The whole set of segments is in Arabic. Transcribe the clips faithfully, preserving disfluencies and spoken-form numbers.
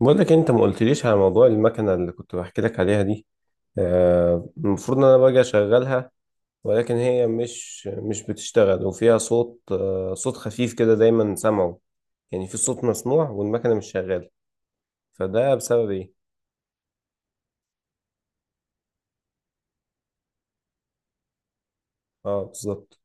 بقول لك إيه، انت ما قلتليش على موضوع المكنه اللي كنت بحكي لك عليها دي. آه، المفروض ان انا باجي اشغلها. ولكن هي مش مش بتشتغل وفيها صوت آه، صوت خفيف كده دايما سامعه. يعني في صوت مسموع والمكنه مش شغاله. فده بسبب ايه؟ اه، بالظبط.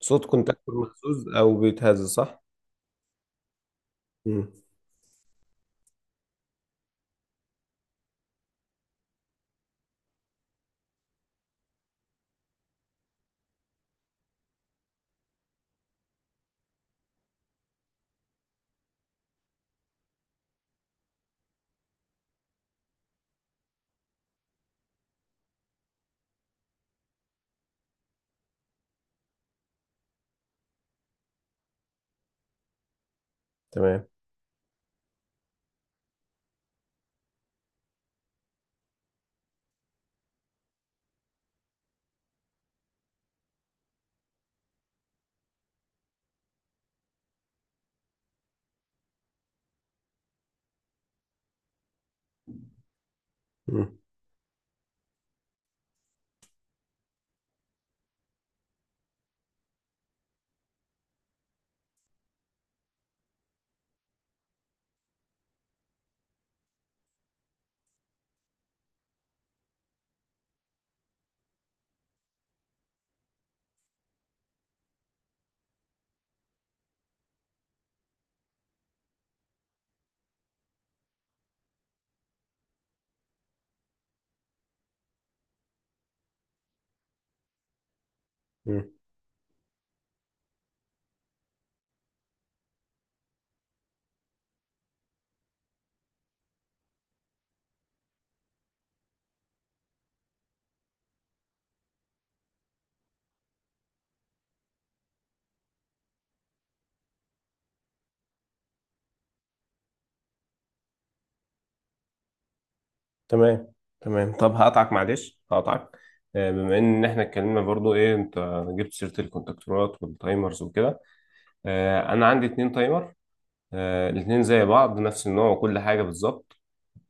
صوت كونتاكتور مخزوز او بيتهز، صح. مم. تمام. مم. مم. تمام. تمام. طب هقطعك، معلش هقطعك. آه، بما ان احنا اتكلمنا برضو، ايه، انت جبت سيره الكونتاكتورات والتايمرز وكده. آه، انا عندي اتنين تايمر. آه، الاتنين زي بعض، نفس النوع وكل حاجه بالظبط.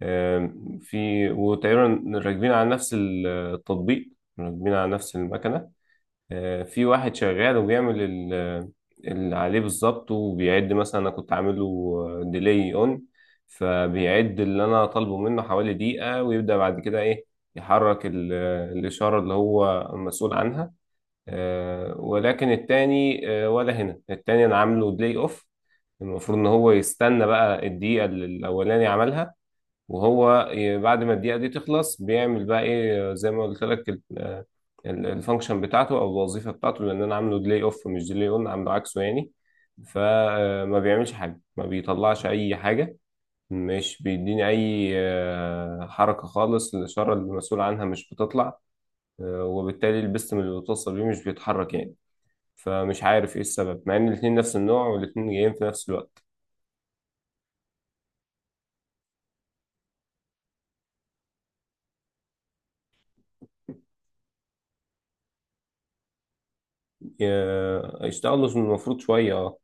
آه، في، وتقريبا راكبين على نفس التطبيق، راكبين على نفس المكنه. آه، في واحد شغال وبيعمل ال- اللي عليه بالظبط وبيعد. مثلا انا كنت عامله ديلي اون، فبيعد اللي انا طالبه منه حوالي دقيقه ويبدا بعد كده، ايه، يحرك ال- الاشاره اللي هو مسؤول عنها. آه، ولكن التاني آه، ولا هنا التاني انا عامله بلاي اوف. المفروض ان هو يستنى بقى الدقيقة اللي الاولاني عملها، وهو ي- بعد ما الدقيقة دي تخلص بيعمل بقى ايه آه، زي ما قلت لك ال- آه، ال- الفانكشن بتاعته او الوظيفة بتاعته، لان انا عامله بلاي اوف مش ديلي اون، عامله عكسه يعني. فما بيعملش حاجة، ما بيطلعش اي حاجة، مش بيديني اي آه، حركة خالص. الاشارة اللي المسؤول عنها مش بتطلع، آه، وبالتالي البستم اللي بتوصل بيه مش بيتحرك يعني. فمش عارف ايه السبب، مع ان الاتنين نفس النوع والاتنين جايين في نفس الوقت. ي- يشتغلوا المفروض شوية، اه.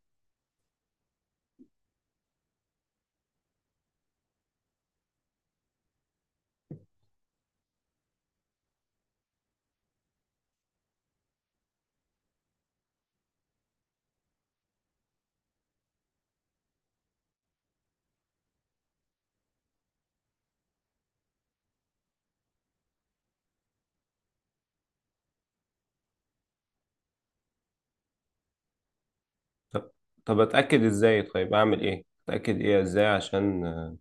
طب، طب اتأكد ازاي؟ طيب اعمل ايه، اتأكد ايه، ازاي، عشان آه،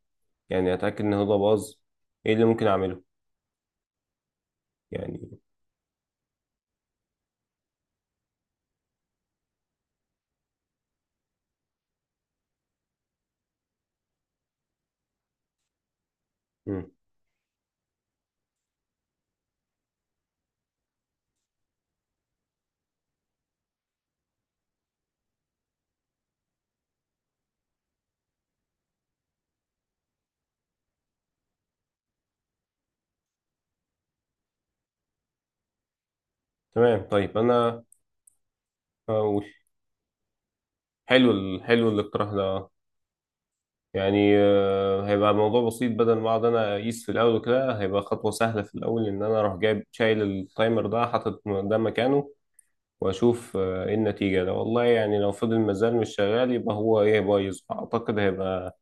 يعني اتأكد ان هو ده باظ؟ ايه اللي ممكن اعمله يعني؟ مم. تمام. طيب، انا هقول حلو ال- حلو الاقتراح ده آه. يعني آه، هيبقى الموضوع بسيط. بدل ما اقعد انا اقيس في الاول وكده، هيبقى خطوة سهلة في الاول ان انا اروح جايب شايل التايمر ده، حاطط ده مكانه، واشوف آه، ايه النتيجه. ده والله، يعني لو فضل مازال مش شغال يبقى هو، ايه، بايظ. اعتقد هيبقى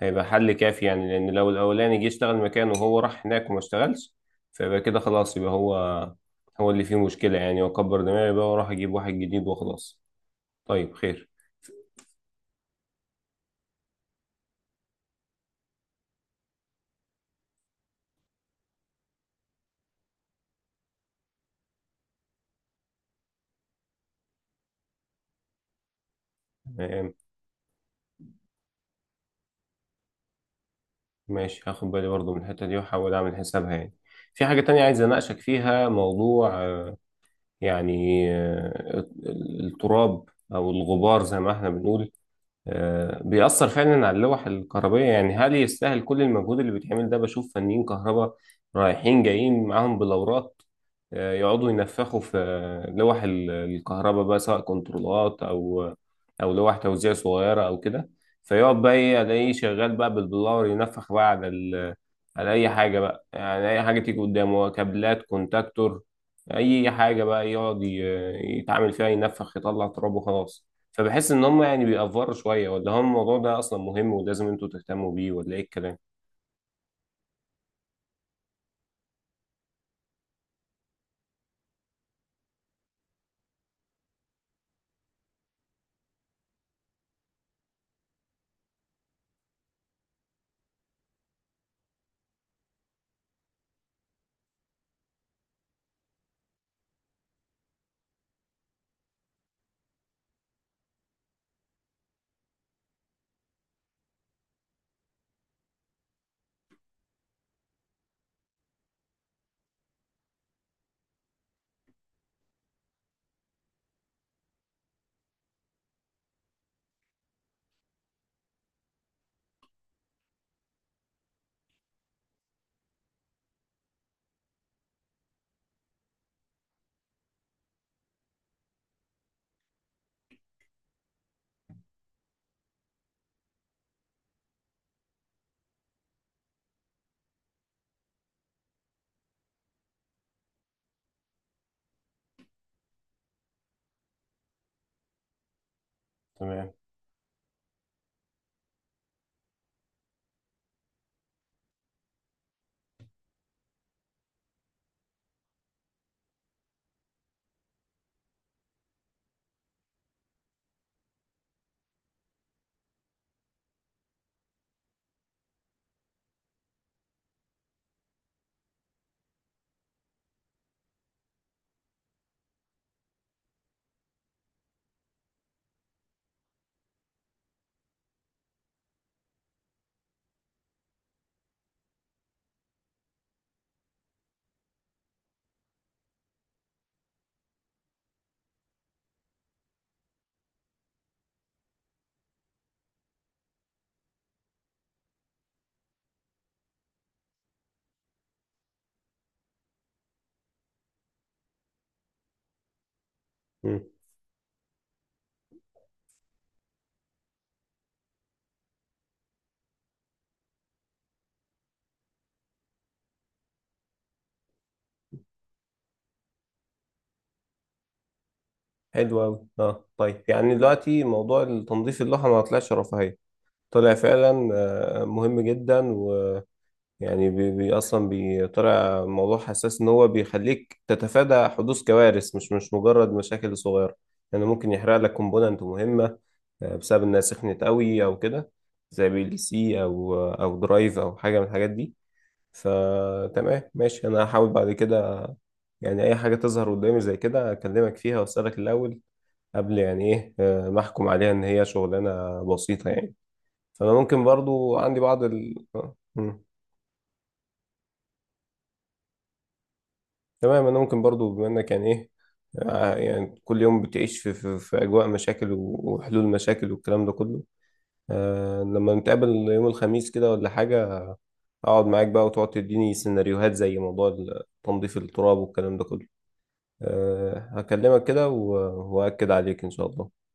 هيبقى حل كافي يعني، لان لو الاولاني جه اشتغل مكانه وهو راح هناك وما اشتغلش، فيبقى كده خلاص، يبقى هو هو اللي فيه مشكله يعني، واكبر دماغي بقى واروح اجيب واحد جديد وخلاص. طيب، خير. تمام. ماشي، هاخد بالي برضو من الحته دي واحاول اعمل حسابها يعني. في حاجه تانية عايز اناقشك فيها، موضوع آه، يعني آه، التراب، او الغبار زي ما احنا بنقول. آه، بيأثر فعلا على اللوح الكهربائية. يعني هل يستاهل كل المجهود اللي بيتعمل ده؟ بشوف فنيين كهرباء رايحين جايين معاهم بلورات آه، يقعدوا ينفخوا في آه، لوح ال- الكهرباء بقى، سواء كنترولات أو أو لوح توزيع صغيرة أو كده. فيقعد بقى، إيه، ألاقيه شغال بقى بالبلور، ينفخ بقى على ال على أي حاجة بقى. يعني أي حاجة تيجي قدامه، كابلات، كونتاكتور، أي حاجة بقى يقعد ي- يتعامل فيها، ينفخ يطلع تراب وخلاص. فبحس ان هم يعني بيأفوروا شويه، ولا هم الموضوع ده اصلا مهم ولازم انتوا تهتموا بيه، ولا ايه الكلام؟ تمام. مم. حلو قوي، اه. طيب، يعني دلوقتي موضوع التنظيف اللوحه ما طلعش رفاهيه، طلع فعلا آه، مهم جدا. ويعني بي بي اصلا بيطلع موضوع حساس، ان هو بيخليك تتفادى حدوث كوارث، مش مش مجرد مشاكل صغيره. يعني ممكن يحرق لك كومبوننت مهمه آه، بسبب انها سخنت قوي او كده، زي بي ال سي او آه، او درايف او حاجه من الحاجات دي. فتمام، ماشي، انا هحاول بعد كده، يعني، اي حاجه تظهر قدامي زي كده اكلمك فيها واسالك الاول، قبل يعني، ايه، آه، ما احكم عليها ان هي شغلانه بسيطه يعني. فانا ممكن برضو عندي بعض ال... آه، مم. تمام. انا ممكن برضو، بما انك يعني، ايه، آه، يعني كل يوم بتعيش في, في, في اجواء مشاكل و- وحلول مشاكل والكلام ده كله، آه لما نتقابل يوم الخميس كده ولا حاجه، اقعد معاك بقى وتقعد تديني سيناريوهات زي موضوع ال- تنظيف التراب والكلام ده كله. أه هكلمك كده و- وأكد عليك، إن شاء الله.